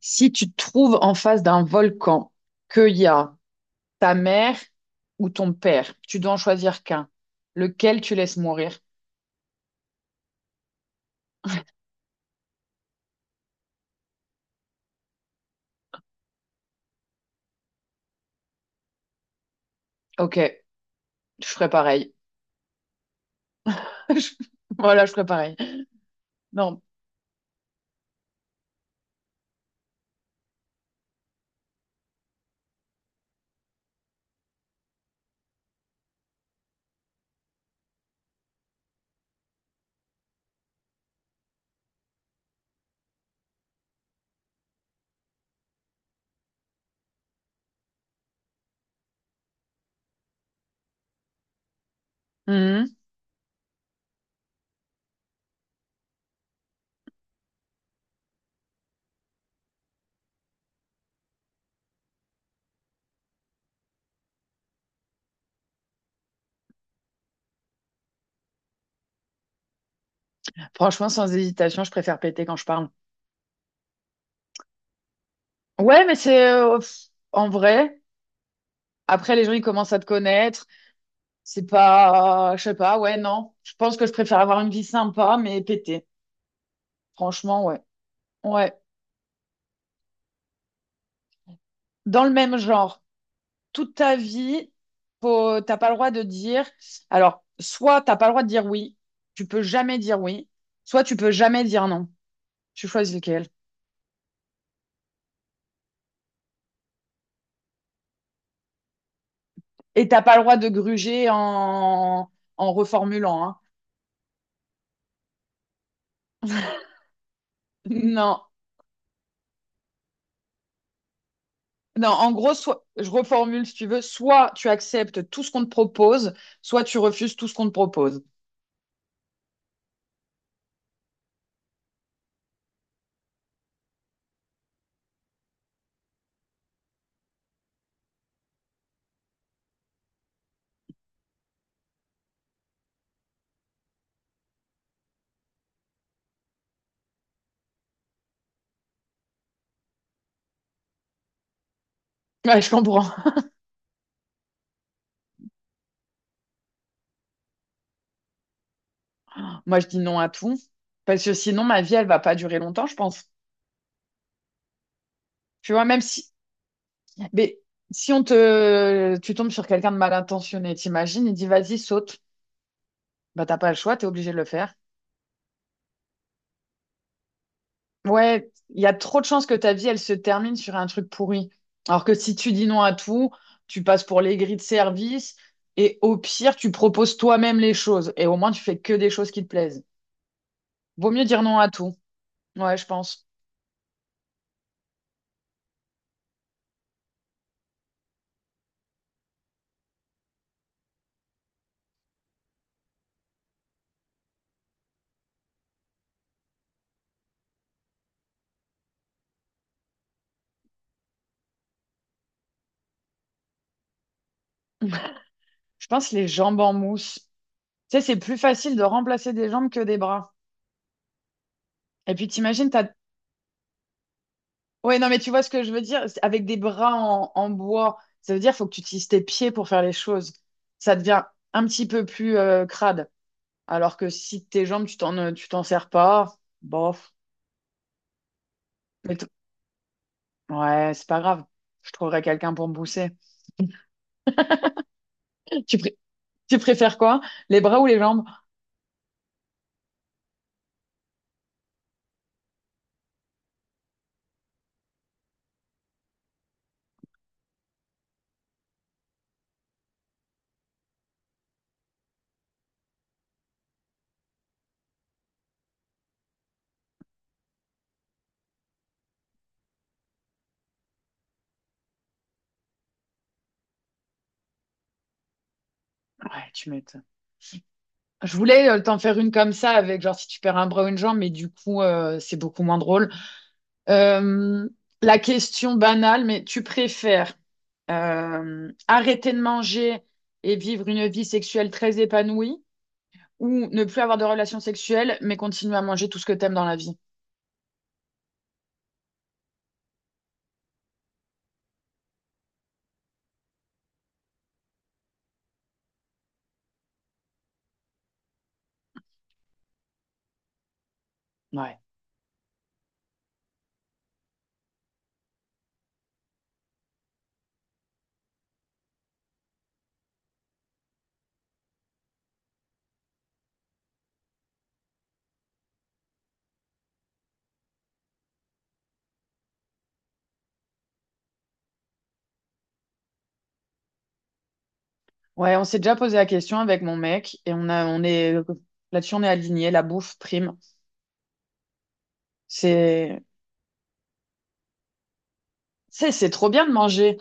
Si tu te trouves en face d'un volcan, qu'il y a ta mère ou ton père, tu dois en choisir qu'un. Lequel tu laisses mourir? Ok, je ferais pareil. Je- Voilà, je ferais pareil. Non. Mhm. Franchement, sans hésitation, je préfère péter quand je parle. Ouais, mais c'est pff, en vrai. Après, les gens, ils commencent à te connaître. C'est pas, je sais pas, ouais, non. Je pense que je préfère avoir une vie sympa, mais péter. Franchement, ouais. Ouais. Dans le même genre. Toute ta vie, faut, t'as pas le droit de dire. Alors, soit t'as pas le droit de dire oui, tu peux jamais dire oui, soit tu peux jamais dire non. Tu choisis lequel. Et t'as pas le droit de gruger en, en reformulant, hein. Non, non. En gros, soit je reformule si tu veux. Soit tu acceptes tout ce qu'on te propose, soit tu refuses tout ce qu'on te propose. Ouais, je comprends. Moi, je dis non à tout parce que sinon, ma vie, elle va pas durer longtemps, je pense. Tu vois, même si... Mais si on te, tu tombes sur quelqu'un de mal intentionné, t'imagines, il dit vas-y, saute. Bah, t'as pas le choix, t'es obligé de le faire. Ouais, il y a trop de chances que ta vie, elle se termine sur un truc pourri. Alors que si tu dis non à tout, tu passes pour l'aigri de service et au pire, tu proposes toi-même les choses et au moins, tu fais que des choses qui te plaisent. Vaut mieux dire non à tout. Ouais, je pense. Je pense les jambes en mousse. Tu sais, c'est plus facile de remplacer des jambes que des bras. Et puis t'imagines, t'as... Ouais, non, mais tu vois ce que je veux dire? C'est avec des bras en, en bois, ça veut dire faut que tu utilises tes pieds pour faire les choses. Ça devient un petit peu plus crade. Alors que si tes jambes, tu t'en sers pas, bof. Mais t- ouais, c'est pas grave. Je trouverai quelqu'un pour me pousser. Tu, pré- tu préfères quoi? Les bras ou les jambes? Ouais, tu m'étonnes. Je voulais t'en faire une comme ça, avec genre si tu perds un bras ou une jambe, mais du coup, c'est beaucoup moins drôle. Euh, la question banale, mais tu préfères arrêter de manger et vivre une vie sexuelle très épanouie, ou ne plus avoir de relations sexuelles, mais continuer à manger tout ce que t'aimes dans la vie. Ouais. Ouais, on s'est déjà posé la question avec mon mec et on est, là-dessus, on est aligné, la bouffe prime. C'est, c'est trop bien de manger.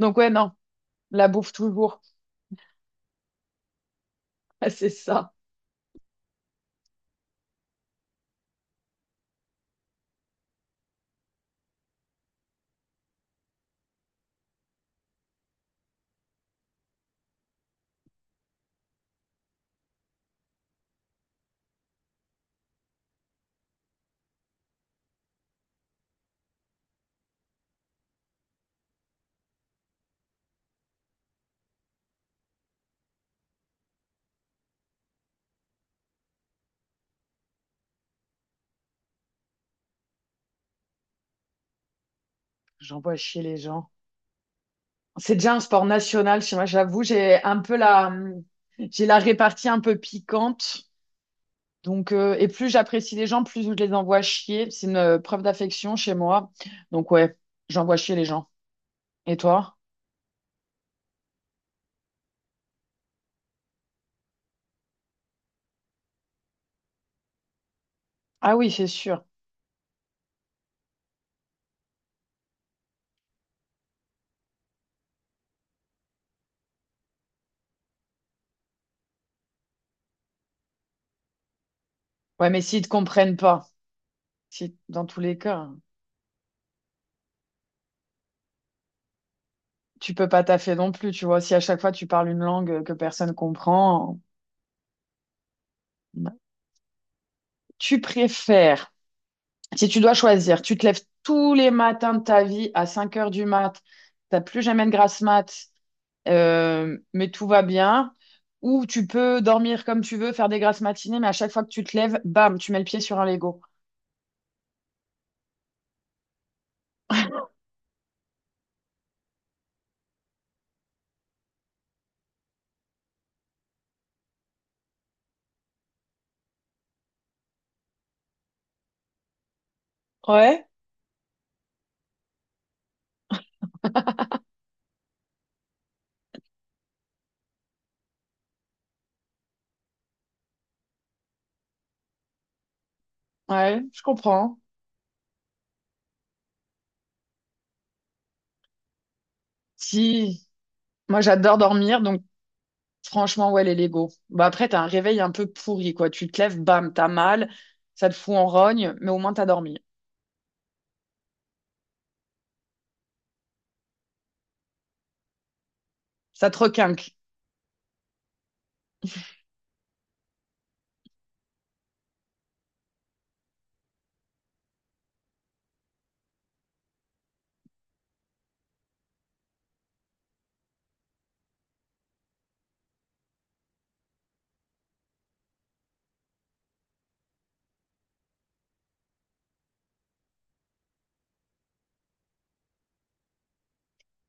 Donc ouais, non, la bouffe toujours. C'est ça. J'envoie chier les gens. C'est déjà un sport national chez moi, j'avoue, j'ai un peu la, j'ai la répartie un peu piquante. Donc, et plus j'apprécie les gens, plus je les envoie chier. C'est une preuve d'affection chez moi. Donc, ouais, j'envoie chier les gens. Et toi? Ah oui, c'est sûr. Ouais, mais s'ils te comprennent pas, si dans tous les cas, tu peux pas taffer non plus, tu vois. Si à chaque fois tu parles une langue que personne comprend, bah, tu préfères, si tu dois choisir, tu te lèves tous les matins de ta vie à 5 heures du mat, t'as plus jamais de grasse mat. Mais tout va bien. Ou tu peux dormir comme tu veux, faire des grasses matinées, mais à chaque fois que tu te lèves, bam, tu mets le pied sur un Lego. Ouais. Ouais, je comprends. Si, moi j'adore dormir, donc franchement, ouais, les Lego. Bah après, t'as un réveil un peu pourri, quoi. Tu te lèves, bam, t'as mal, ça te fout en rogne, mais au moins t'as dormi. Ça te requinque.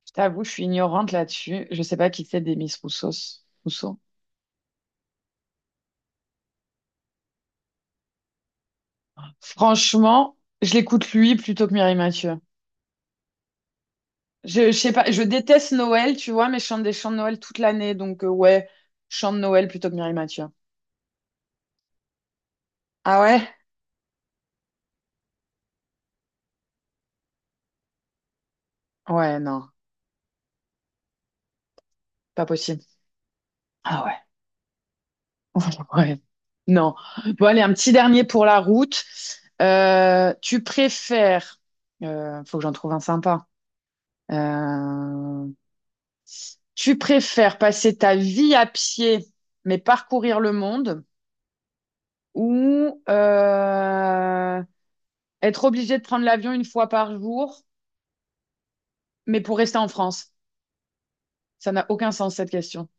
Je t'avoue, je suis ignorante là-dessus. Je sais pas qui c'est des Miss Roussos. Rousseau. Franchement, je l'écoute lui plutôt que Mireille Mathieu. Je sais pas, je déteste Noël, tu vois, mais je chante des chants de Noël toute l'année, donc ouais, chant de Noël plutôt que Mireille Mathieu. Ah ouais? Ouais, non, pas possible. Ah ouais. Ouais. Non. Bon, allez, un petit dernier pour la route. Tu préfères, faut que j'en trouve un sympa. Euh, tu préfères passer ta vie à pied, mais parcourir le monde, ou être obligé de prendre l'avion 1 fois par jour, mais pour rester en France? Ça n'a aucun sens cette question.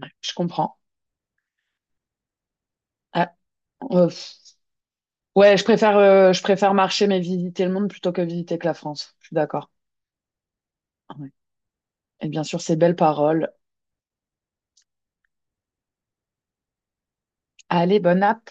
Ouais, je comprends. Ah, euh, ouais, je préfère marcher mais visiter le monde plutôt que visiter que la France. Je suis d'accord. Ouais. Et bien sûr, ces belles paroles. Allez, bonne app.